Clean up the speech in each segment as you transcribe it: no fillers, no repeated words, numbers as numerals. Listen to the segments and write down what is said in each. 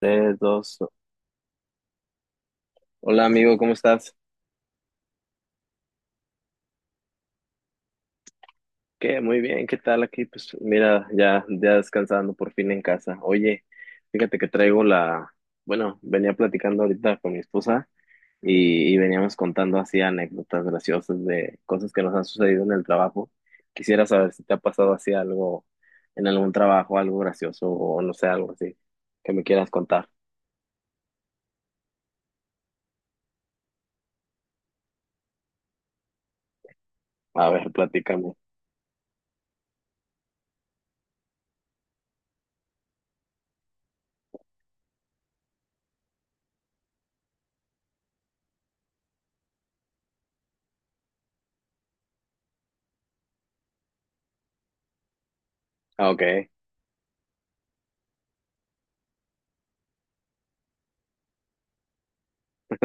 Tres, dos. Hola amigo, ¿cómo estás? ¿Qué? Muy bien, ¿qué tal aquí? Pues mira, ya, ya descansando por fin en casa. Oye, fíjate que traigo la, bueno, venía platicando ahorita con mi esposa y veníamos contando así anécdotas graciosas de cosas que nos han sucedido en el trabajo. Quisiera saber si te ha pasado así algo en algún trabajo, algo gracioso o no sé, algo así que me quieras contar. A ver, platícame. Ah, ok.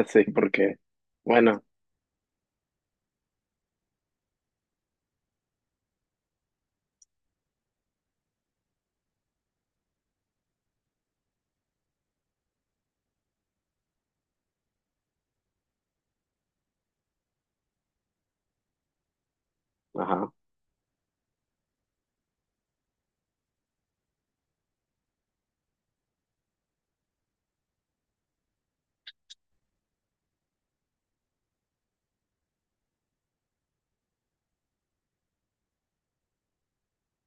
Sí, porque, bueno, ajá,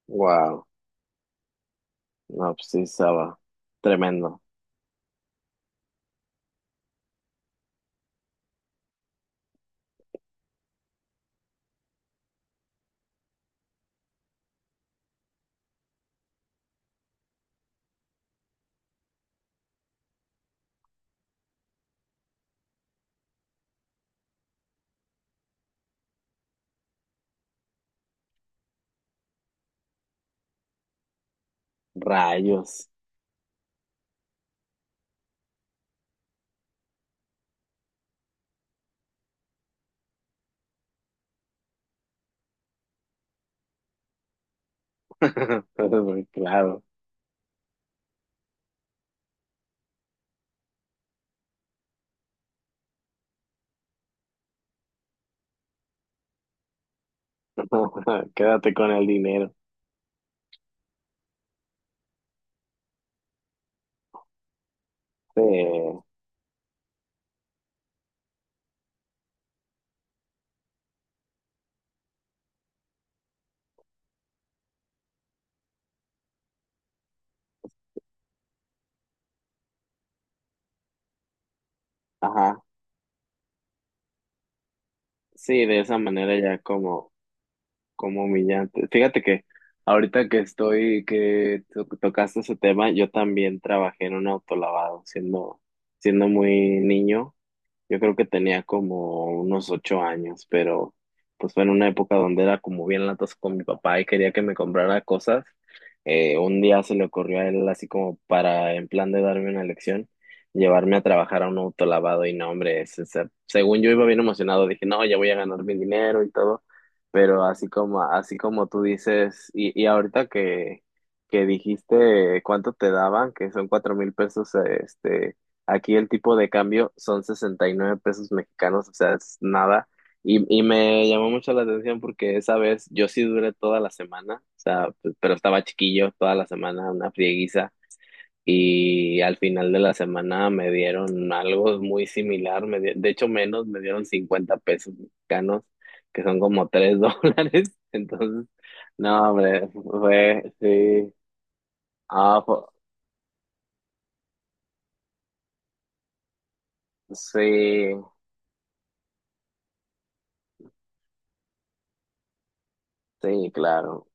wow. No, pues sí, estaba tremendo. Rayos. Pues, claro. Quédate con el dinero. Eh, ajá. Sí, de esa manera ya como humillante. Fíjate que ahorita que estoy, que tocaste ese tema, yo también trabajé en un autolavado siendo muy niño. Yo creo que tenía como unos 8 años, pero pues fue en una época donde era como bien latas con mi papá y quería que me comprara cosas. Un día se le ocurrió a él así como para, en plan de darme una lección, llevarme a trabajar a un autolavado y no, hombre, según yo iba bien emocionado, dije, no, ya voy a ganar mi dinero y todo, pero así como tú dices, y ahorita que dijiste cuánto te daban, que son 4.000 pesos, aquí el tipo de cambio son 69 pesos mexicanos, o sea, es nada. Y me llamó mucho la atención porque esa vez yo sí duré toda la semana, o sea, pero estaba chiquillo toda la semana, una frieguiza. Y al final de la semana me dieron algo muy similar, de hecho menos, me dieron 50 pesos mexicanos, que son como 3 dólares. Entonces, no, hombre, fue, sí, ah, sí, sí, claro.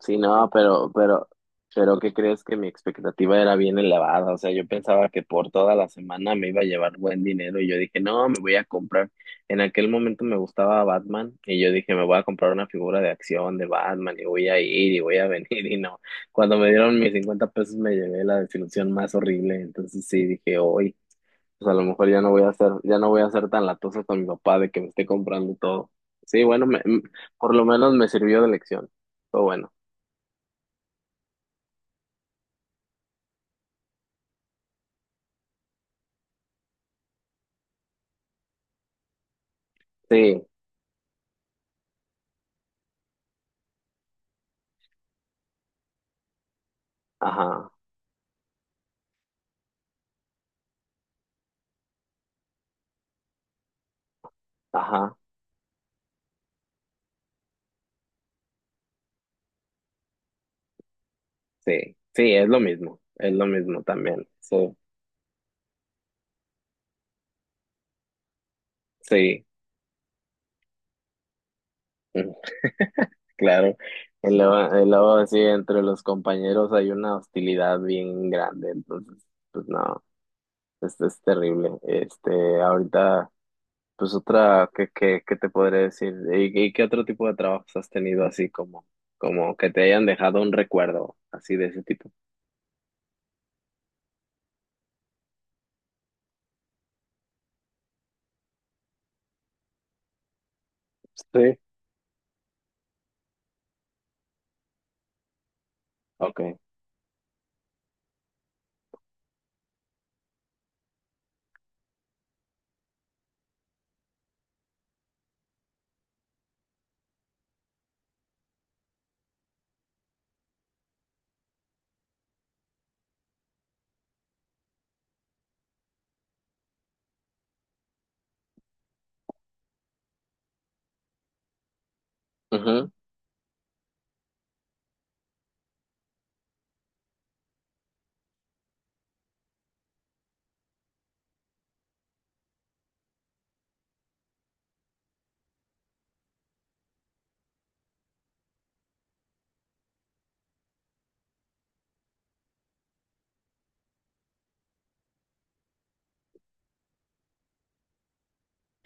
Sí, no, pero, ¿qué crees que mi expectativa era bien elevada? O sea, yo pensaba que por toda la semana me iba a llevar buen dinero y yo dije, no, me voy a comprar. En aquel momento me gustaba Batman y yo dije, me voy a comprar una figura de acción de Batman y voy a ir y voy a venir y no. Cuando me dieron mis 50 pesos me llevé la desilusión más horrible. Entonces sí, dije, hoy, pues a lo mejor ya no voy a ser, ya no voy a ser tan latoso con mi papá de que me esté comprando todo. Sí, bueno, por lo menos me sirvió de lección. Todo bueno. Sí, ajá, ajá, sí, sí, es lo mismo también, sí, sí, mm, claro. Y luego sí, entre los compañeros hay una hostilidad bien grande, entonces, pues no, esto es terrible. Ahorita, pues otra, ¿qué te podré decir? ¿Y qué otro tipo de trabajos has tenido así como que te hayan dejado un recuerdo así de ese tipo? Sí. Okay. Ujú,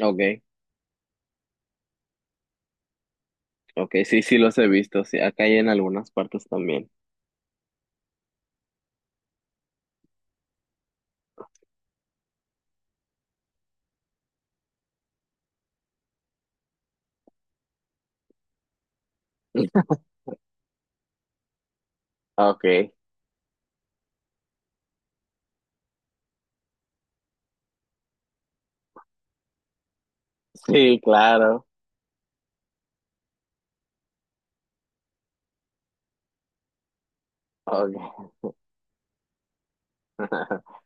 ok, ok, sí, sí los he visto, sí, acá hay en algunas partes también. Ok, sí, claro. Ok,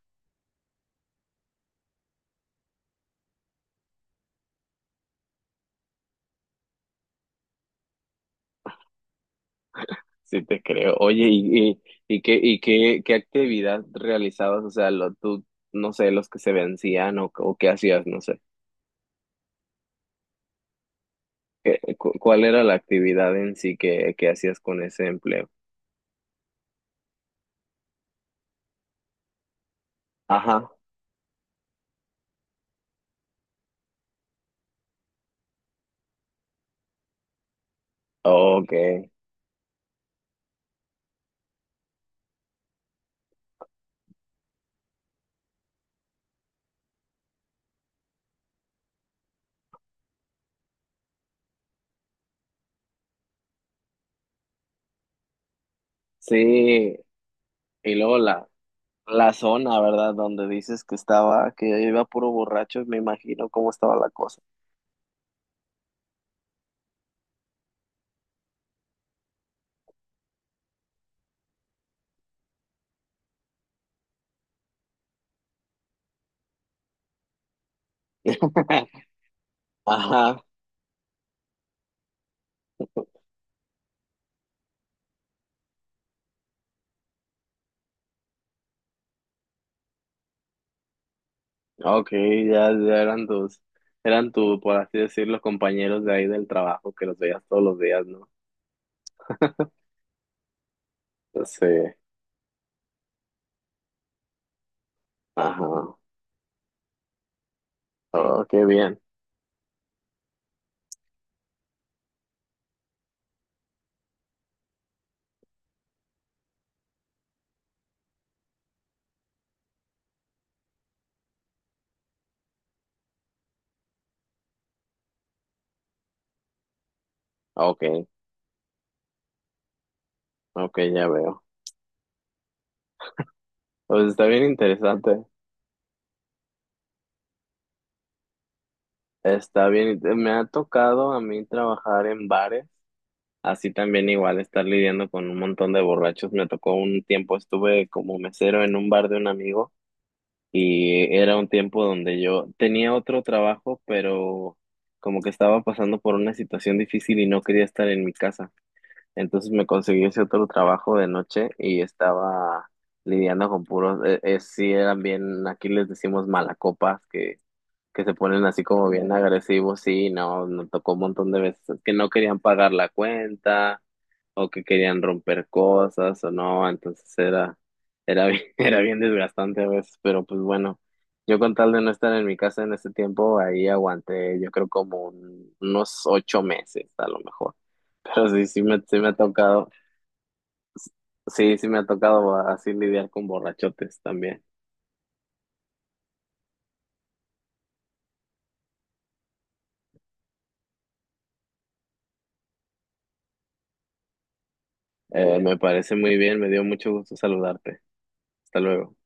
sí te creo. Oye, ¿y qué actividad realizabas? O sea, tú, no sé, los que se vencían o qué hacías, no sé. Cuál era la actividad en sí que hacías con ese empleo? Ajá, ok, sí. Y luego la zona, ¿verdad? Donde dices que estaba, que iba puro borracho, me imagino cómo estaba la cosa. Ajá, ok, ya, ya eran tu, por así decirlo, los compañeros de ahí del trabajo que los veías todos los días, ¿no? Sí, ajá, oh, qué bien, ok, ok, ya veo. Pues está bien interesante, está bien, me ha tocado a mí trabajar en bares, así también igual estar lidiando con un montón de borrachos, me tocó un tiempo, estuve como mesero en un bar de un amigo. Y era un tiempo donde yo tenía otro trabajo, pero como que estaba pasando por una situación difícil y no quería estar en mi casa. Entonces me conseguí ese otro trabajo de noche y estaba lidiando con puros, sí eran bien, aquí les decimos malacopas, que, se ponen así como bien agresivos, sí, no, nos tocó un montón de veces que no querían pagar la cuenta o que querían romper cosas o no, entonces era bien, era bien desgastante a veces, pero pues bueno, yo con tal de no estar en mi casa en ese tiempo, ahí aguanté, yo creo como unos 8 meses a lo mejor, pero sí, sí me ha tocado, sí, sí me ha tocado así lidiar con borrachotes también. Me parece muy bien, me dio mucho gusto saludarte. Hasta luego.